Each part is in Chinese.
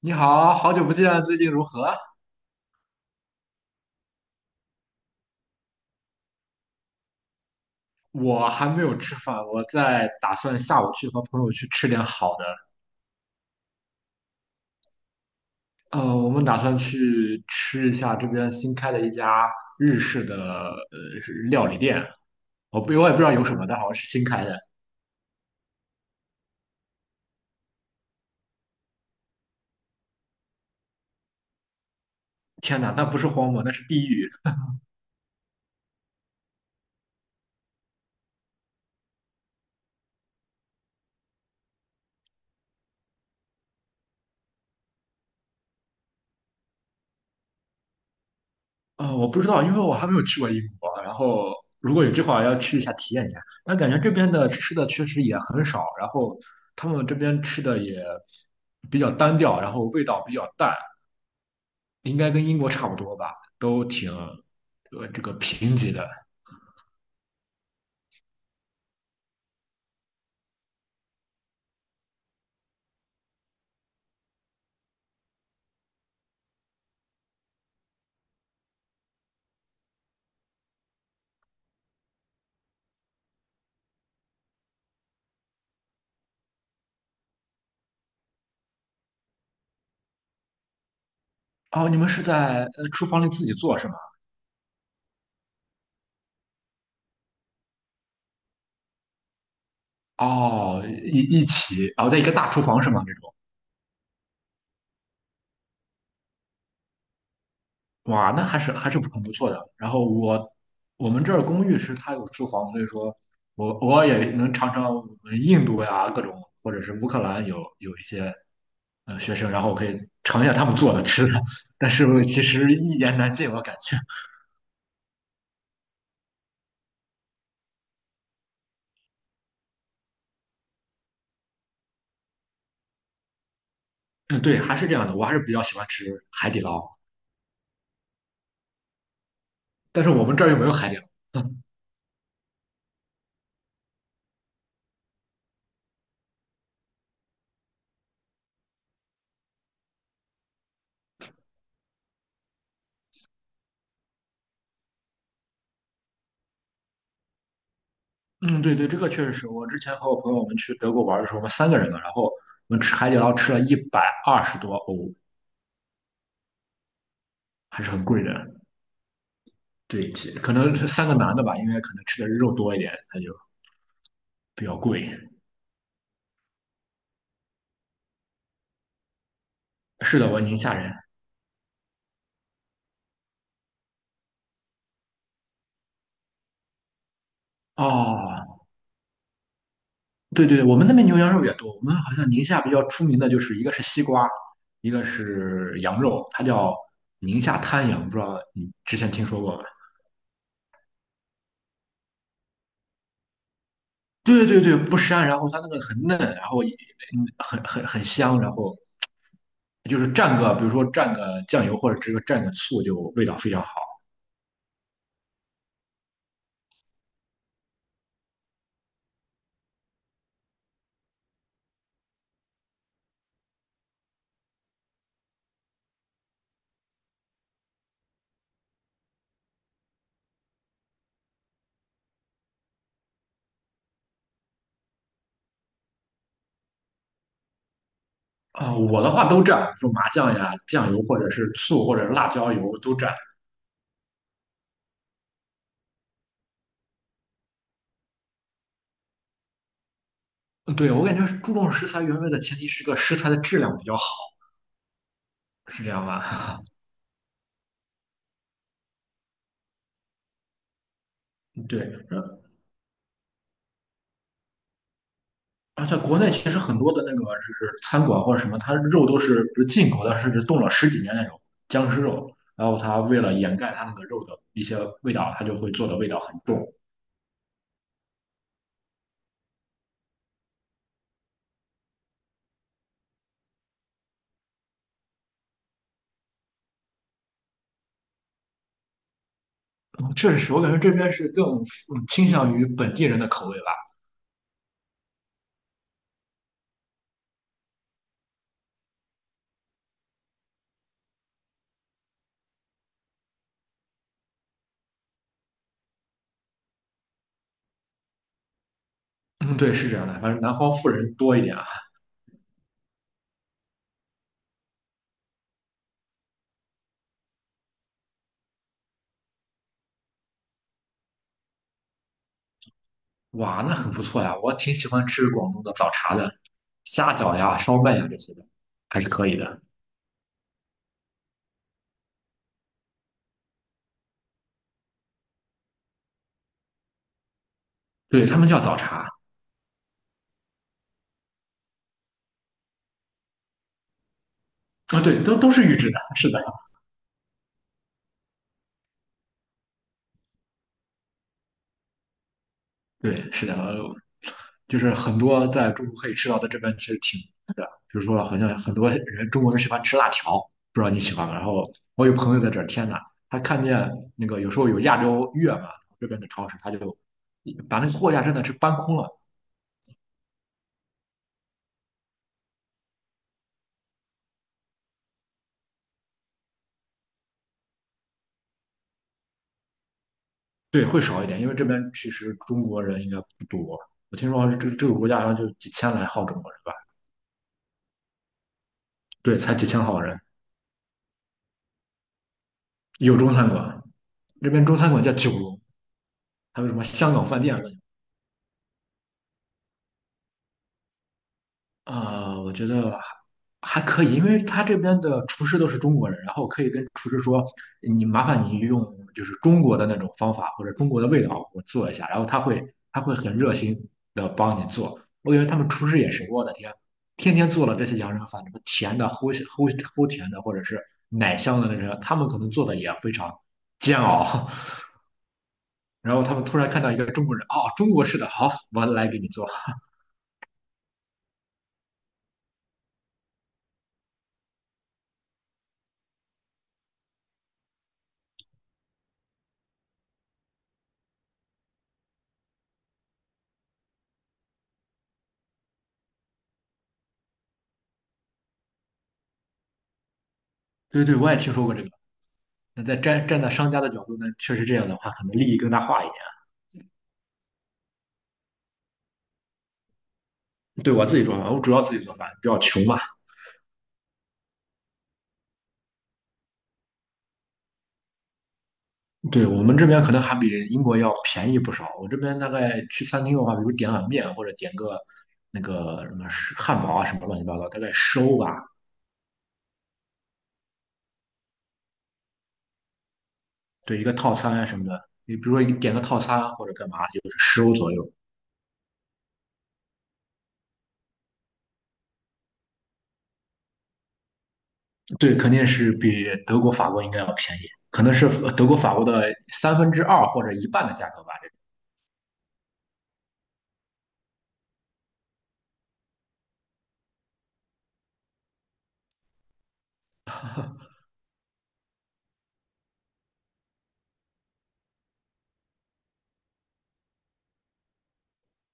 你好，好久不见，最近如何？我还没有吃饭，我在打算下午去和朋友去吃点好的。我们打算去吃一下这边新开的一家日式的料理店，我也不知道有什么，但好像是新开的。天哪，那不是荒漠，那是地狱。我不知道，因为我还没有去过英国。然后如果有计划要去一下体验一下，那感觉这边的吃的确实也很少，然后他们这边吃的也比较单调，然后味道比较淡。应该跟英国差不多吧，都挺贫瘠的。哦，你们是在厨房里自己做是吗？哦，一起，哦，在一个大厨房是吗？这种。哇，那还是很不错的。然后我们这儿公寓是它有厨房，所以说我也能尝尝我们印度呀各种，或者是乌克兰有一些学生，然后我可以尝一下他们做的吃的，但是其实一言难尽，我感觉。嗯，对，还是这样的，我还是比较喜欢吃海底捞。但是我们这儿又没有海底捞。嗯嗯，对对，这个确实是我之前和我朋友我们去德国玩的时候，我们三个人嘛，然后我们吃海底捞吃了120多欧，还是很贵的。对，可能是三个男的吧，因为可能吃的肉多一点，他就比较贵。是的，我宁夏人。哦，对对，我们那边牛羊肉也多。我们好像宁夏比较出名的就是一个是西瓜，一个是羊肉，它叫宁夏滩羊，不知道你之前听说过。对对对，不膻，然后它那个很嫩，然后也很香，然后就是蘸个，比如说蘸个酱油或者这个蘸个醋，就味道非常好。啊、我的话都蘸，比如说麻酱呀、酱油或者是醋或者是辣椒油都蘸。对，我感觉注重食材原味的前提是个食材的质量比较好，是这样吧？对，而且国内其实很多的那个就是餐馆或者什么，它肉都是不是进口的，甚至冻了十几年那种僵尸肉。然后它为了掩盖它那个肉的一些味道，它就会做的味道很重。嗯确实是我感觉这边是更倾向于本地人的口味吧。嗯，对，是这样的，反正南方富人多一点啊。哇，那很不错呀，我挺喜欢吃广东的早茶的，虾饺呀、烧麦呀这些的，还是可以的。对，他们叫早茶啊，对，都是预制的，是的，对，是的，就是很多在中国可以吃到的这边其实挺的，比如说好像很多人中国人喜欢吃辣条，不知道你喜欢吗？然后我有朋友在这儿，天呐，他看见那个有时候有亚洲月嘛，这边的超市他就把那个货架真的是搬空了。对，会少一点，因为这边其实中国人应该不多，我听说这个国家好像就几千来号中国人吧。对，才几千号人，有中餐馆，这边中餐馆叫九龙，还有什么香港饭店。我觉得还可以，因为他这边的厨师都是中国人，然后可以跟厨师说，你麻烦你用就是中国的那种方法或者中国的味道我做一下，然后他会很热心的帮你做。我感觉他们厨师也是，我的天，天天做了这些洋人饭，什么甜的、齁齁齁甜的，或者是奶香的那种，他们可能做的也非常煎熬。然后他们突然看到一个中国人，哦，中国式的，好，我来给你做。对对，我也听说过这个。那站在商家的角度呢，确实这样的话，可能利益更大化一点。对我自己做饭，我主要自己做饭，比较穷嘛。对我们这边可能还比英国要便宜不少。我这边大概去餐厅的话，比如点碗面或者点个那个什么汉堡啊什么乱七八糟，大概十欧吧。对，一个套餐啊什么的，你比如说你点个套餐或者干嘛，就是十欧左右。对，肯定是比德国、法国应该要便宜，可能是德国、法国的三分之二或者一半的价格吧。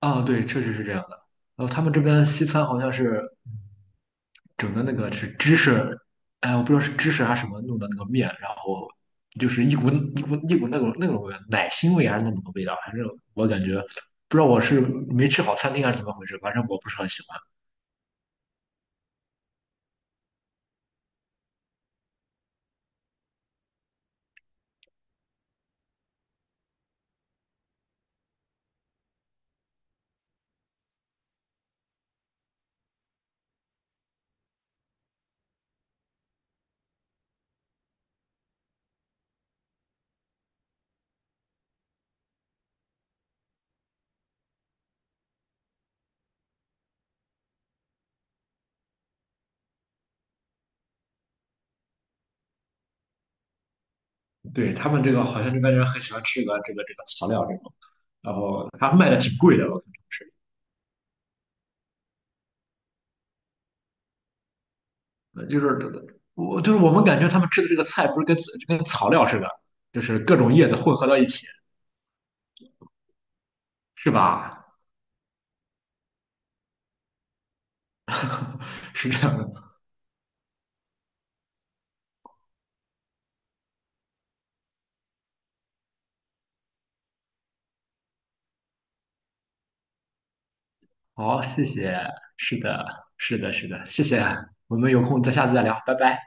啊，对，确实是这样的。然后他们这边西餐好像是整的那个是芝士，哎，我不知道是芝士还是什么弄的那个面，然后就是一股一股一股那种味奶腥味还是那种味道，反正我感觉不知道我是没吃好餐厅还是怎么回事，反正我不是很喜欢。对，他们这个好像这边人很喜欢吃这个草料这种，然后他卖的挺贵的，我看是，呃就是我就是我们感觉他们吃的这个菜不是跟草料似的，就是各种叶子混合到一起。是吧？是这样的。好，谢谢。是的，是的，是的，谢谢。我们有空再下次再聊，拜拜。